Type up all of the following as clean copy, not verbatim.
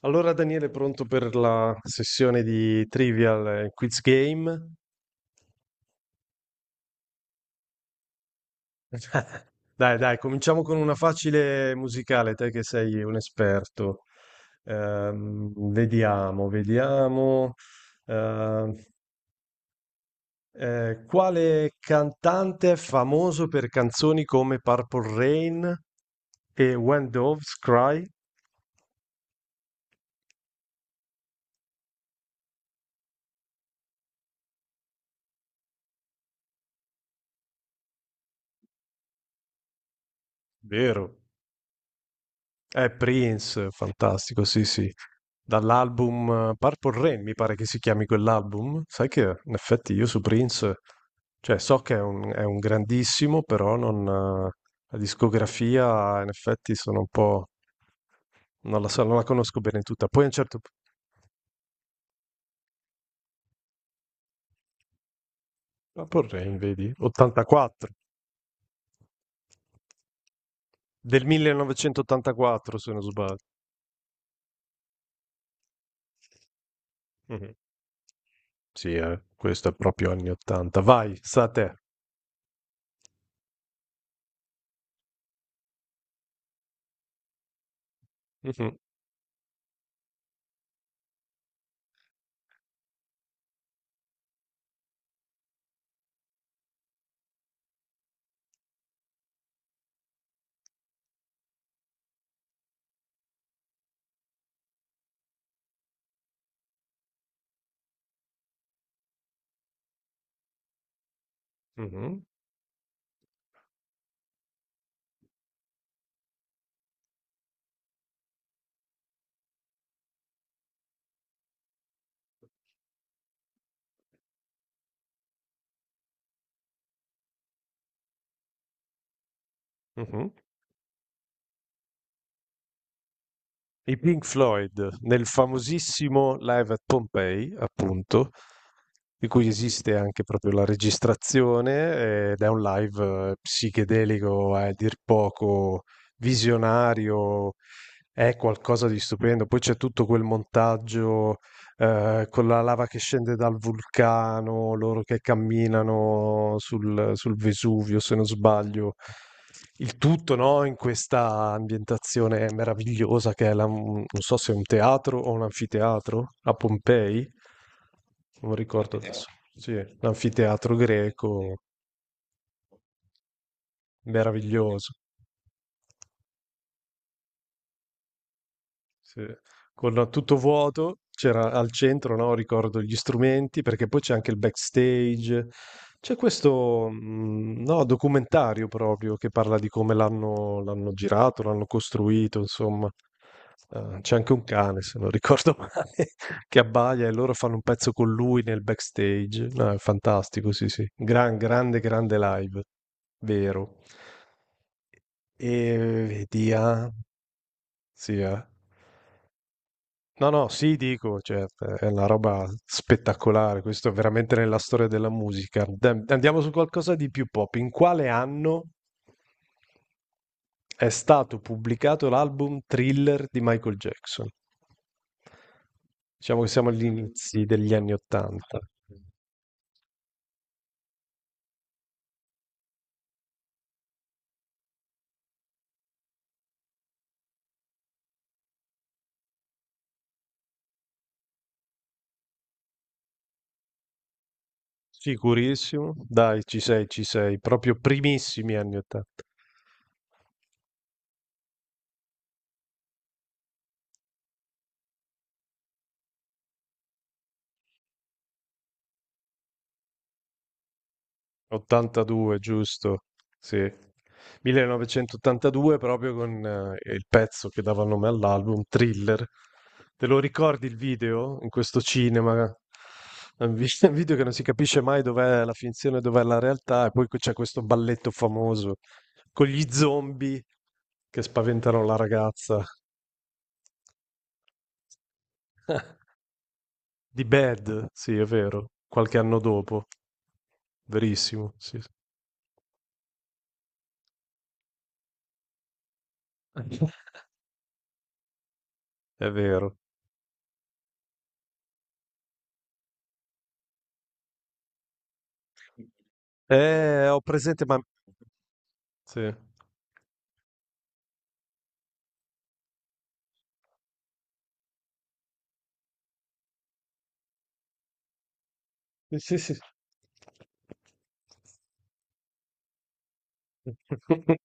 Allora Daniele, pronto per la sessione di Trivial Quiz Game? Dai, dai, cominciamo con una facile musicale, te che sei un esperto. Vediamo, vediamo. Ehm, quale cantante è famoso per canzoni come Purple Rain e When Doves Cry? Vero. È Prince, fantastico, sì, sì. Dall'album Purple Rain, mi pare che si chiami quell'album. Sai che in effetti io su Prince, cioè so che è un grandissimo, però non, la discografia in effetti sono un po', non la so, non la conosco bene tutta. Poi a un certo punto, Purple Rain, vedi, 84, del 1984 se non sbaglio. Mhm. Sì, questo è proprio anni 80. Vai, sta a te. Mhm, mhm, mhm. I Pink Floyd nel famosissimo Live at Pompei, appunto, di cui esiste anche proprio la registrazione, ed è un live psichedelico a dir poco visionario, è qualcosa di stupendo. Poi c'è tutto quel montaggio con la lava che scende dal vulcano, loro che camminano sul Vesuvio, se non sbaglio. Il tutto, no, in questa ambientazione meravigliosa che è non so se è un teatro o un anfiteatro a Pompei, non ricordo adesso. Sì, l'anfiteatro greco, meraviglioso. Sì, con tutto vuoto, c'era al centro, no, ricordo gli strumenti, perché poi c'è anche il backstage. C'è questo, no, documentario proprio che parla di come l'hanno girato, l'hanno costruito, insomma. C'è anche un cane, se non ricordo male, che abbaia e loro fanno un pezzo con lui nel backstage. No, è fantastico, sì, sì. Grande, grande live, vero. E vedi, ah, sì, eh. No, no, sì, dico, cioè, è una roba spettacolare, questo è veramente nella storia della musica. Dai, andiamo su qualcosa di più pop. In quale anno è stato pubblicato l'album Thriller di Michael Jackson? Diciamo che siamo agli inizi degli anni Ottanta. Sicurissimo? Dai, ci sei, proprio primissimi anni Ottanta. 82, giusto? Sì. 1982 proprio con il pezzo che dava nome all'album, Thriller. Te lo ricordi il video in questo cinema? Un video che non si capisce mai dov'è la finzione e dov'è la realtà, e poi c'è questo balletto famoso con gli zombie che spaventano la ragazza di Bad, sì, è vero, qualche anno dopo, verissimo, sì, sì. È vero. Ho presente, ma sì. Sì, sì, sì.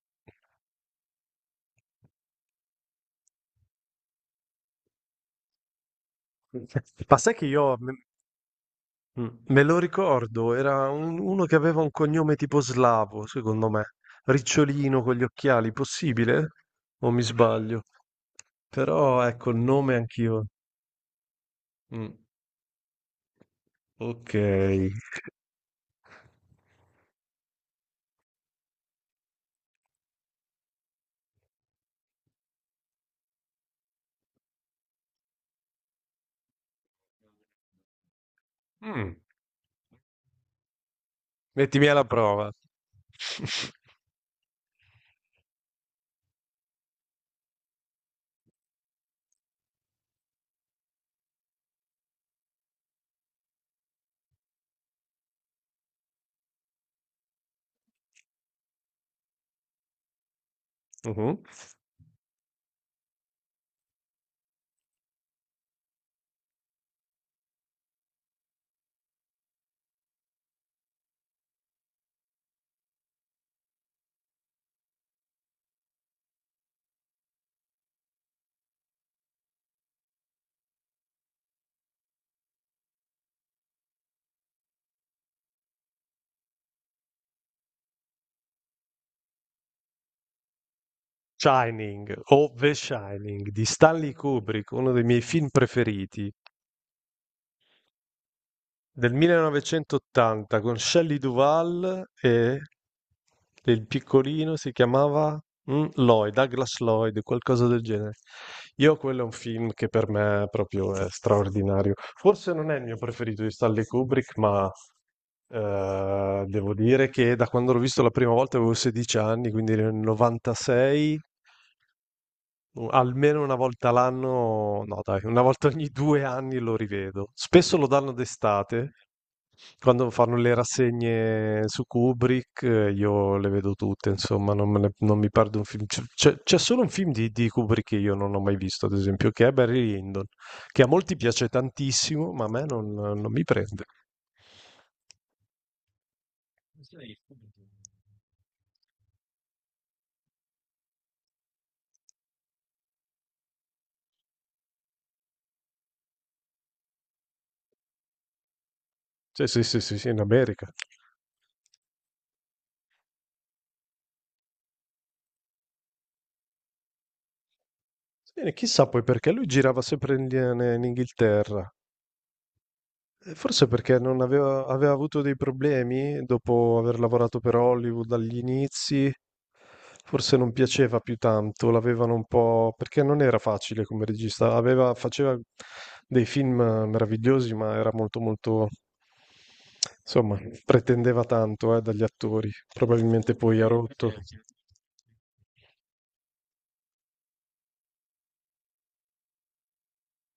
Ma sai che io me... Mm, me lo ricordo, era uno che aveva un cognome tipo slavo, secondo me. Ricciolino con gli occhiali, possibile? O mi sbaglio? Però ecco, il nome anch'io. Mm, ok. Mm, mettimi alla prova. Mh-mh. Shining o The Shining di Stanley Kubrick, uno dei miei film preferiti, del 1980 con Shelley Duvall e il piccolino si chiamava, Lloyd, Douglas Lloyd, qualcosa del genere. Io quello è un film che per me proprio è straordinario. Forse non è il mio preferito di Stanley Kubrick, ma, devo dire che da quando l'ho visto la prima volta avevo 16 anni, quindi nel 96. Almeno una volta l'anno, no dai, una volta ogni due anni lo rivedo. Spesso lo danno d'estate, quando fanno le rassegne su Kubrick, io le vedo tutte, insomma, non, me ne- non mi perdo un film. C'è solo un film di Kubrick che io non ho mai visto, ad esempio, che è Barry Lyndon, che a molti piace tantissimo, ma a me non mi prende. Sì, sì, sì, sì, sì, in America. Sì, chissà poi perché lui girava sempre in Inghilterra. Forse perché non aveva, aveva avuto dei problemi dopo aver lavorato per Hollywood dagli inizi, forse non piaceva più tanto, l'avevano un po'. Perché non era facile come regista, aveva, faceva dei film meravigliosi, ma era molto... insomma, pretendeva tanto, dagli attori, probabilmente poi ha rotto.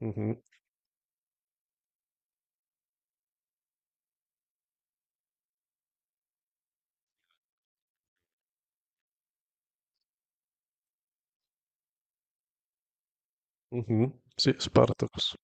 Mhm, mhm, sì, Spartacus.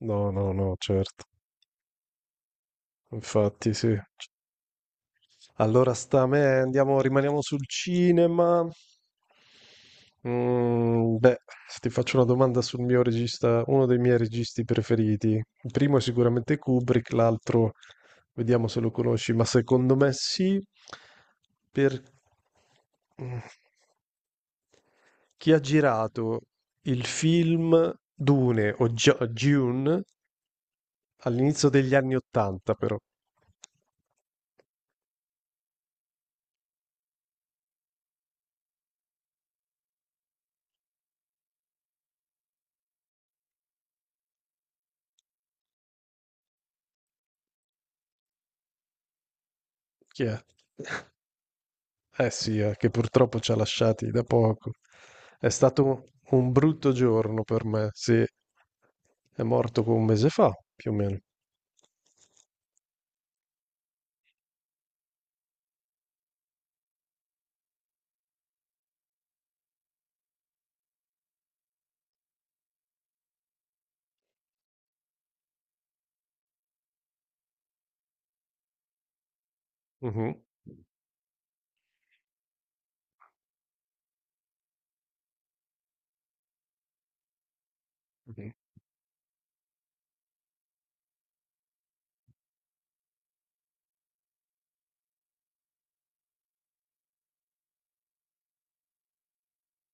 No, no, no, certo, infatti sì. Allora sta a me, andiamo, rimaniamo sul cinema. Mm, beh, ti faccio una domanda sul mio regista, uno dei miei registi preferiti. Il primo è sicuramente Kubrick, l'altro vediamo se lo conosci, ma secondo me sì, per mm, chi ha girato il film Dune all'inizio degli anni Ottanta, però. Chi è? Eh sì, che purtroppo ci ha lasciati da poco. È stato un brutto giorno per me, sì. È morto un mese fa, più o meno. Mhm. Mhm.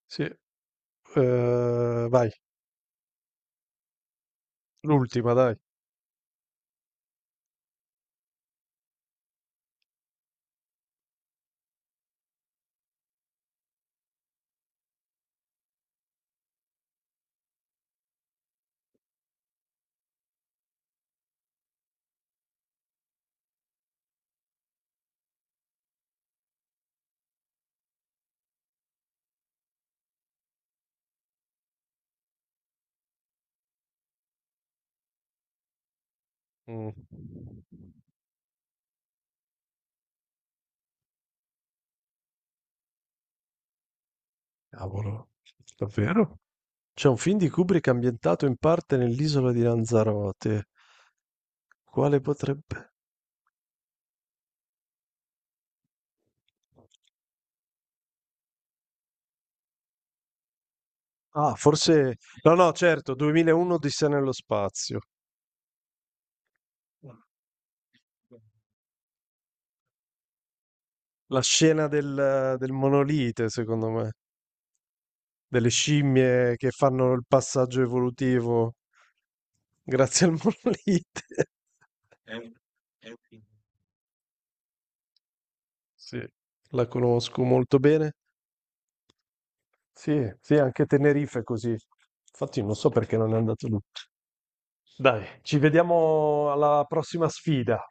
Sì, vai, l'ultima, dai. Mm. Cavolo, davvero? C'è un film di Kubrick ambientato in parte nell'isola di Lanzarote. Quale potrebbe... Ah, forse... No, no, certo, 2001 Odissea nello spazio. La scena del monolite, secondo me, delle scimmie che fanno il passaggio evolutivo grazie al monolite. Sì, la conosco molto bene. Sì, sì, anche Tenerife è così. Infatti non so perché non è andato lì. Dai, ci vediamo alla prossima sfida.